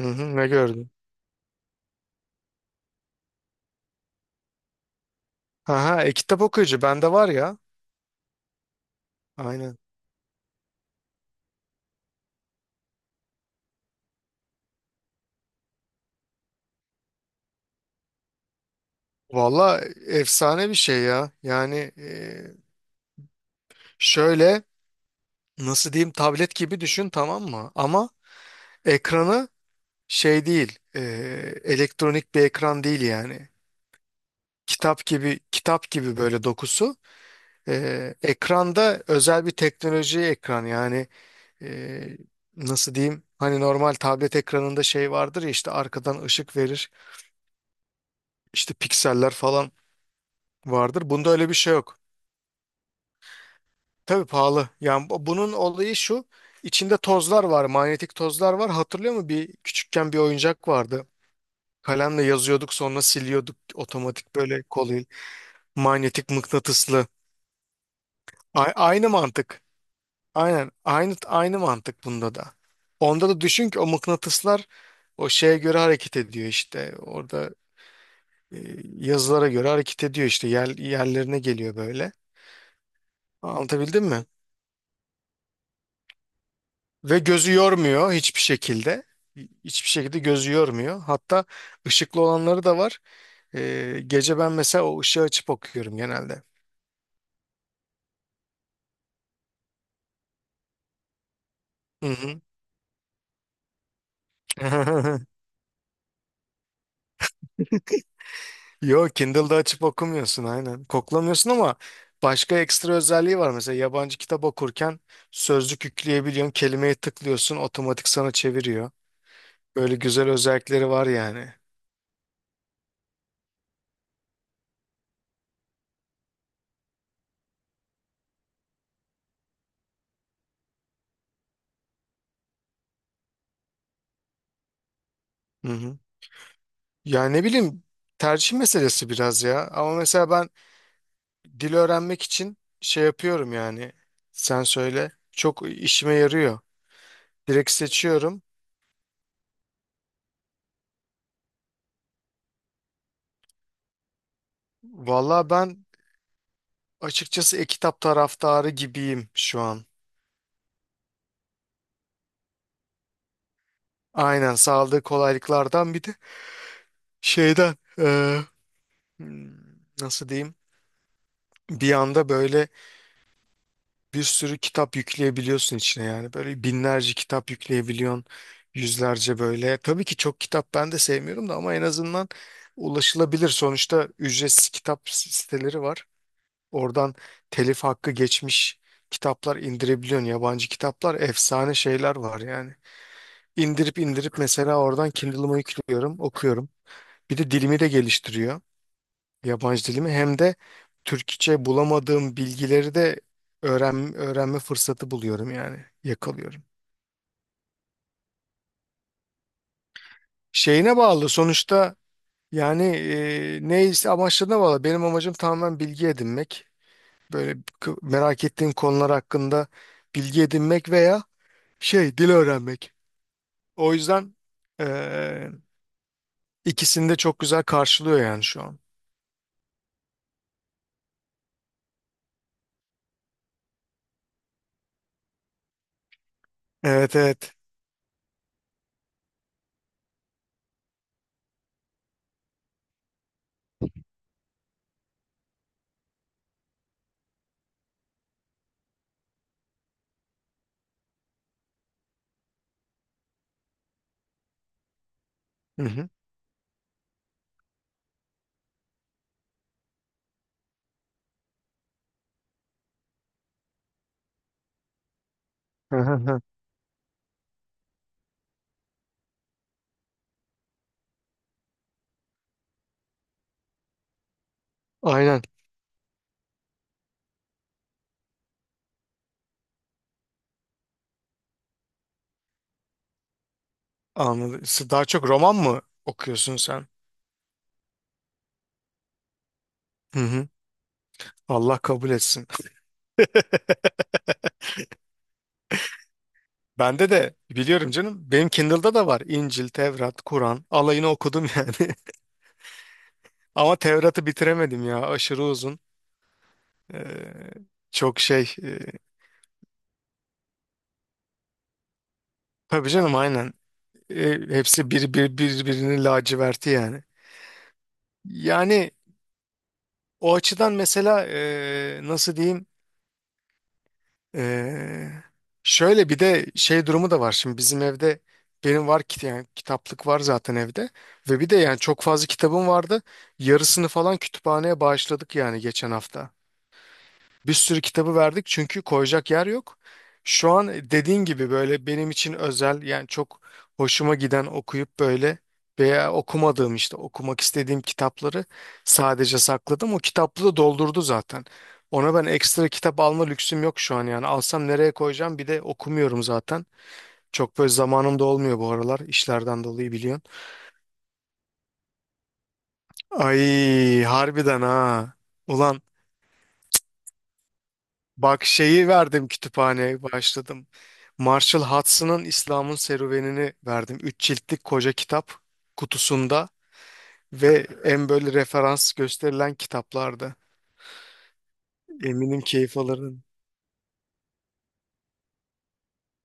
Hı hı, ne gördün? Aha, kitap okuyucu bende var ya. Aynen. Valla, efsane bir şey ya. Yani şöyle, nasıl diyeyim, tablet gibi düşün, tamam mı? Ama ekranı şey değil. Elektronik bir ekran değil yani. Kitap gibi, kitap gibi böyle dokusu. Ekranda özel bir teknoloji ekran yani, e, nasıl diyeyim? Hani normal tablet ekranında şey vardır ya, işte arkadan ışık verir. İşte pikseller falan vardır. Bunda öyle bir şey yok. Tabii pahalı. Yani bunun olayı şu. İçinde tozlar var, manyetik tozlar var. Hatırlıyor musun? Bir küçükken bir oyuncak vardı. Kalemle yazıyorduk, sonra siliyorduk otomatik, böyle kolay. Manyetik mıknatıslı. Aynı mantık. Aynen. Aynı mantık bunda da. Onda da düşün ki o mıknatıslar o şeye göre hareket ediyor işte. Orada e, yazılara göre hareket ediyor işte. Yerlerine geliyor böyle. Anlatabildim mi? Ve gözü yormuyor hiçbir şekilde. Hiçbir şekilde gözü yormuyor. Hatta ışıklı olanları da var. Gece ben mesela o ışığı açıp okuyorum genelde. Hı hı. Yok, Kindle'da açıp okumuyorsun, aynen. Koklamıyorsun ama başka ekstra özelliği var. Mesela yabancı kitap okurken sözlük yükleyebiliyorsun. Kelimeyi tıklıyorsun, otomatik sana çeviriyor. Böyle güzel özellikleri var yani. Hı hı. Yani, ne bileyim, tercih meselesi biraz ya. Ama mesela ben dil öğrenmek için şey yapıyorum yani. Sen söyle. Çok işime yarıyor. Direkt seçiyorum. Valla ben, açıkçası e-kitap taraftarı gibiyim şu an. Aynen, sağladığı kolaylıklardan, bir de şeyden, nasıl diyeyim? Bir anda böyle bir sürü kitap yükleyebiliyorsun içine yani. Böyle binlerce kitap yükleyebiliyorsun. Yüzlerce böyle. Tabii ki çok kitap ben de sevmiyorum da, ama en azından ulaşılabilir. Sonuçta ücretsiz kitap siteleri var. Oradan telif hakkı geçmiş kitaplar indirebiliyorsun. Yabancı kitaplar, efsane şeyler var yani. İndirip indirip mesela oradan Kindle'ıma yüklüyorum, okuyorum. Bir de dilimi de geliştiriyor. Yabancı dilimi, hem de Türkçe bulamadığım bilgileri de öğrenme fırsatı buluyorum yani. Yakalıyorum. Şeyine bağlı sonuçta yani, neyse, amaçlarına bağlı. Benim amacım tamamen bilgi edinmek. Böyle merak ettiğim konular hakkında bilgi edinmek, veya şey, dil öğrenmek. O yüzden eee ikisini de çok güzel karşılıyor yani şu an. Evet, evet. Hı hı. Hı hı hı. Aynen, anladım. Daha çok roman mı okuyorsun sen? Hı hı. Allah kabul etsin. Bende de biliyorum canım. Benim Kindle'da da var. İncil, Tevrat, Kur'an. Alayını okudum yani. Ama Tevrat'ı bitiremedim ya. Aşırı uzun. Eee, çok şey. Tabii canım, aynen. Hepsi birbirini laciverti yani. Yani, o açıdan mesela, nasıl diyeyim. Eee, şöyle bir de şey durumu da var şimdi bizim evde, benim var ki yani, kitaplık var zaten evde, ve bir de yani çok fazla kitabım vardı, yarısını falan kütüphaneye bağışladık yani geçen hafta. Bir sürü kitabı verdik çünkü koyacak yer yok. Şu an, dediğin gibi, böyle benim için özel yani, çok hoşuma giden, okuyup böyle, veya okumadığım, işte okumak istediğim kitapları sadece sakladım. O kitaplığı doldurdu zaten. Ona ben ekstra kitap alma lüksüm yok şu an yani. Alsam nereye koyacağım? Bir de okumuyorum zaten. Çok böyle zamanım da olmuyor bu aralar, işlerden dolayı biliyorsun. Ay, harbiden ha. Ulan, bak, şeyi verdim kütüphaneye, başladım. Marshall Hudson'ın İslam'ın Serüveni'ni verdim. 3 ciltlik koca kitap, kutusunda, ve en böyle referans gösterilen kitaplarda. Eminim keyif alırdın.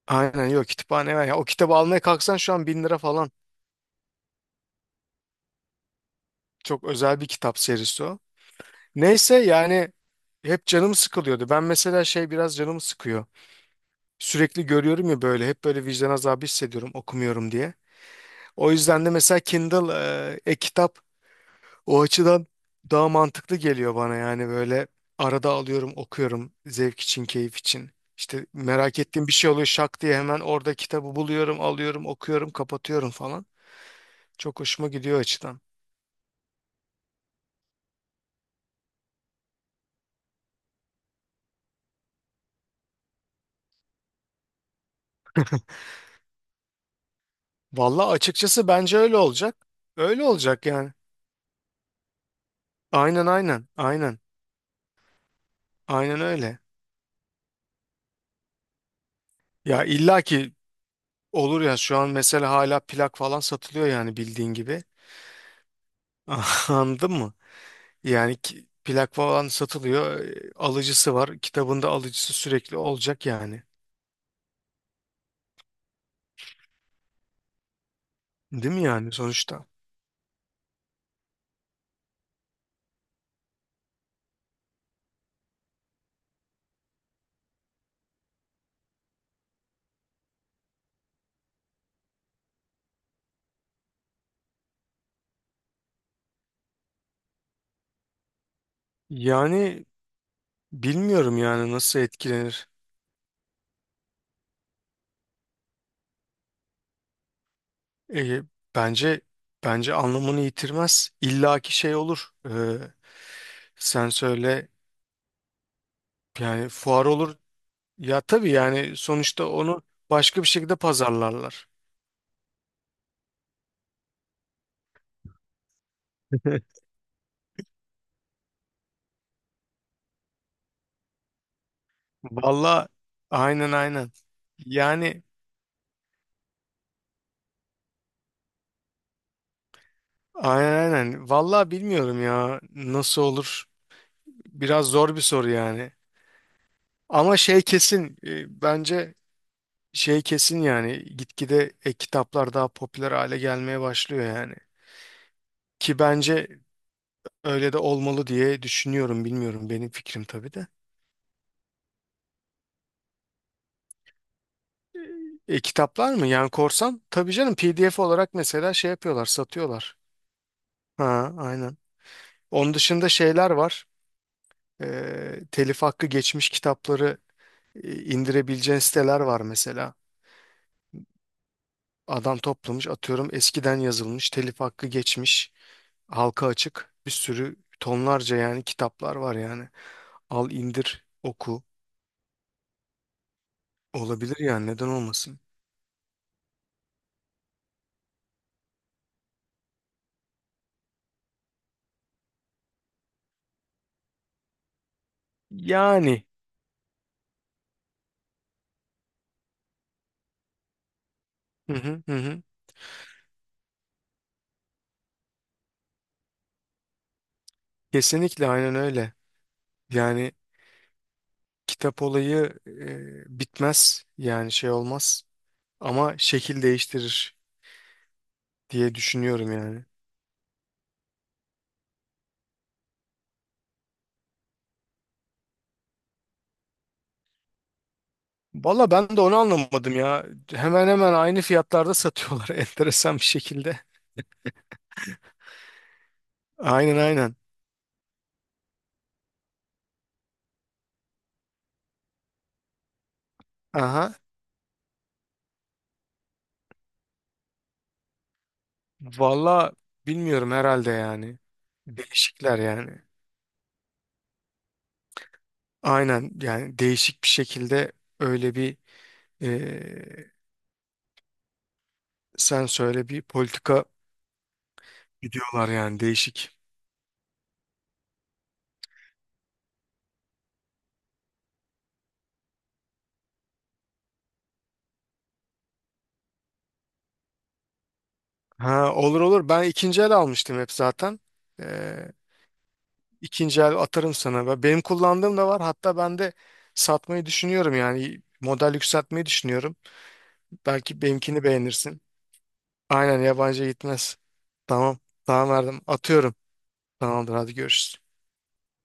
Aynen, yok, kütüphane var. Ya, o kitabı almaya kalksan şu an 1.000 lira falan. Çok özel bir kitap serisi o. Neyse yani, hep canım sıkılıyordu. Ben mesela şey, biraz canım sıkıyor. Sürekli görüyorum ya böyle, hep böyle vicdan azabı hissediyorum okumuyorum diye. O yüzden de mesela Kindle, e-kitap, o açıdan daha mantıklı geliyor bana yani, böyle arada alıyorum okuyorum, zevk için, keyif için. İşte merak ettiğim bir şey oluyor, şak diye hemen orada kitabı buluyorum, alıyorum, okuyorum, kapatıyorum falan. Çok hoşuma gidiyor o açıdan. Valla, açıkçası bence öyle olacak. Öyle olacak yani. Aynen, aynen, aynen, aynen öyle. Ya illa ki olur ya, şu an mesela hala plak falan satılıyor yani, bildiğin gibi. Anladın mı? Yani plak falan satılıyor. Alıcısı var. Kitabında alıcısı sürekli olacak yani. Değil mi yani sonuçta? Yani bilmiyorum yani nasıl etkilenir. E, bence bence anlamını yitirmez. İlla şey olur. Sen söyle, yani fuar olur. Ya tabii yani, sonuçta onu başka bir şekilde pazarlarlar. Valla, aynen, aynen. Yani, aynen, aynen. Valla bilmiyorum ya, nasıl olur. Biraz zor bir soru yani. Ama şey kesin, bence şey kesin yani, gitgide kitaplar daha popüler hale gelmeye başlıyor yani. Ki bence öyle de olmalı diye düşünüyorum, bilmiyorum, benim fikrim tabii de. Kitaplar mı yani korsan? Tabii canım, PDF olarak mesela şey yapıyorlar, satıyorlar. Ha, aynen. Onun dışında şeyler var. Telif hakkı geçmiş kitapları indirebileceğin siteler var mesela. Adam toplamış atıyorum eskiden yazılmış telif hakkı geçmiş. Halka açık bir sürü, tonlarca yani kitaplar var yani. Al, indir, oku, olabilir yani, neden olmasın? Yani, hı hı hı. Hı. Kesinlikle, aynen öyle. Yani kitap olayı bitmez yani, şey olmaz, ama şekil değiştirir diye düşünüyorum yani. Valla ben de onu anlamadım ya. Hemen hemen aynı fiyatlarda satıyorlar enteresan bir şekilde. Aynen, aynen. Aha. Valla bilmiyorum, herhalde yani. Değişikler yani. Aynen yani, değişik bir şekilde, öyle bir, eee, sen söyle, bir politika gidiyorlar yani, değişik. Ha, olur olur, ben ikinci el almıştım hep zaten. Eee ikinci el atarım sana. Ve benim kullandığım da var, hatta ben de satmayı düşünüyorum yani, model yükseltmeyi düşünüyorum. Belki benimkini beğenirsin. Aynen, yabancı gitmez. Tamam, tamam, verdim atıyorum. Tamamdır, hadi görüşürüz.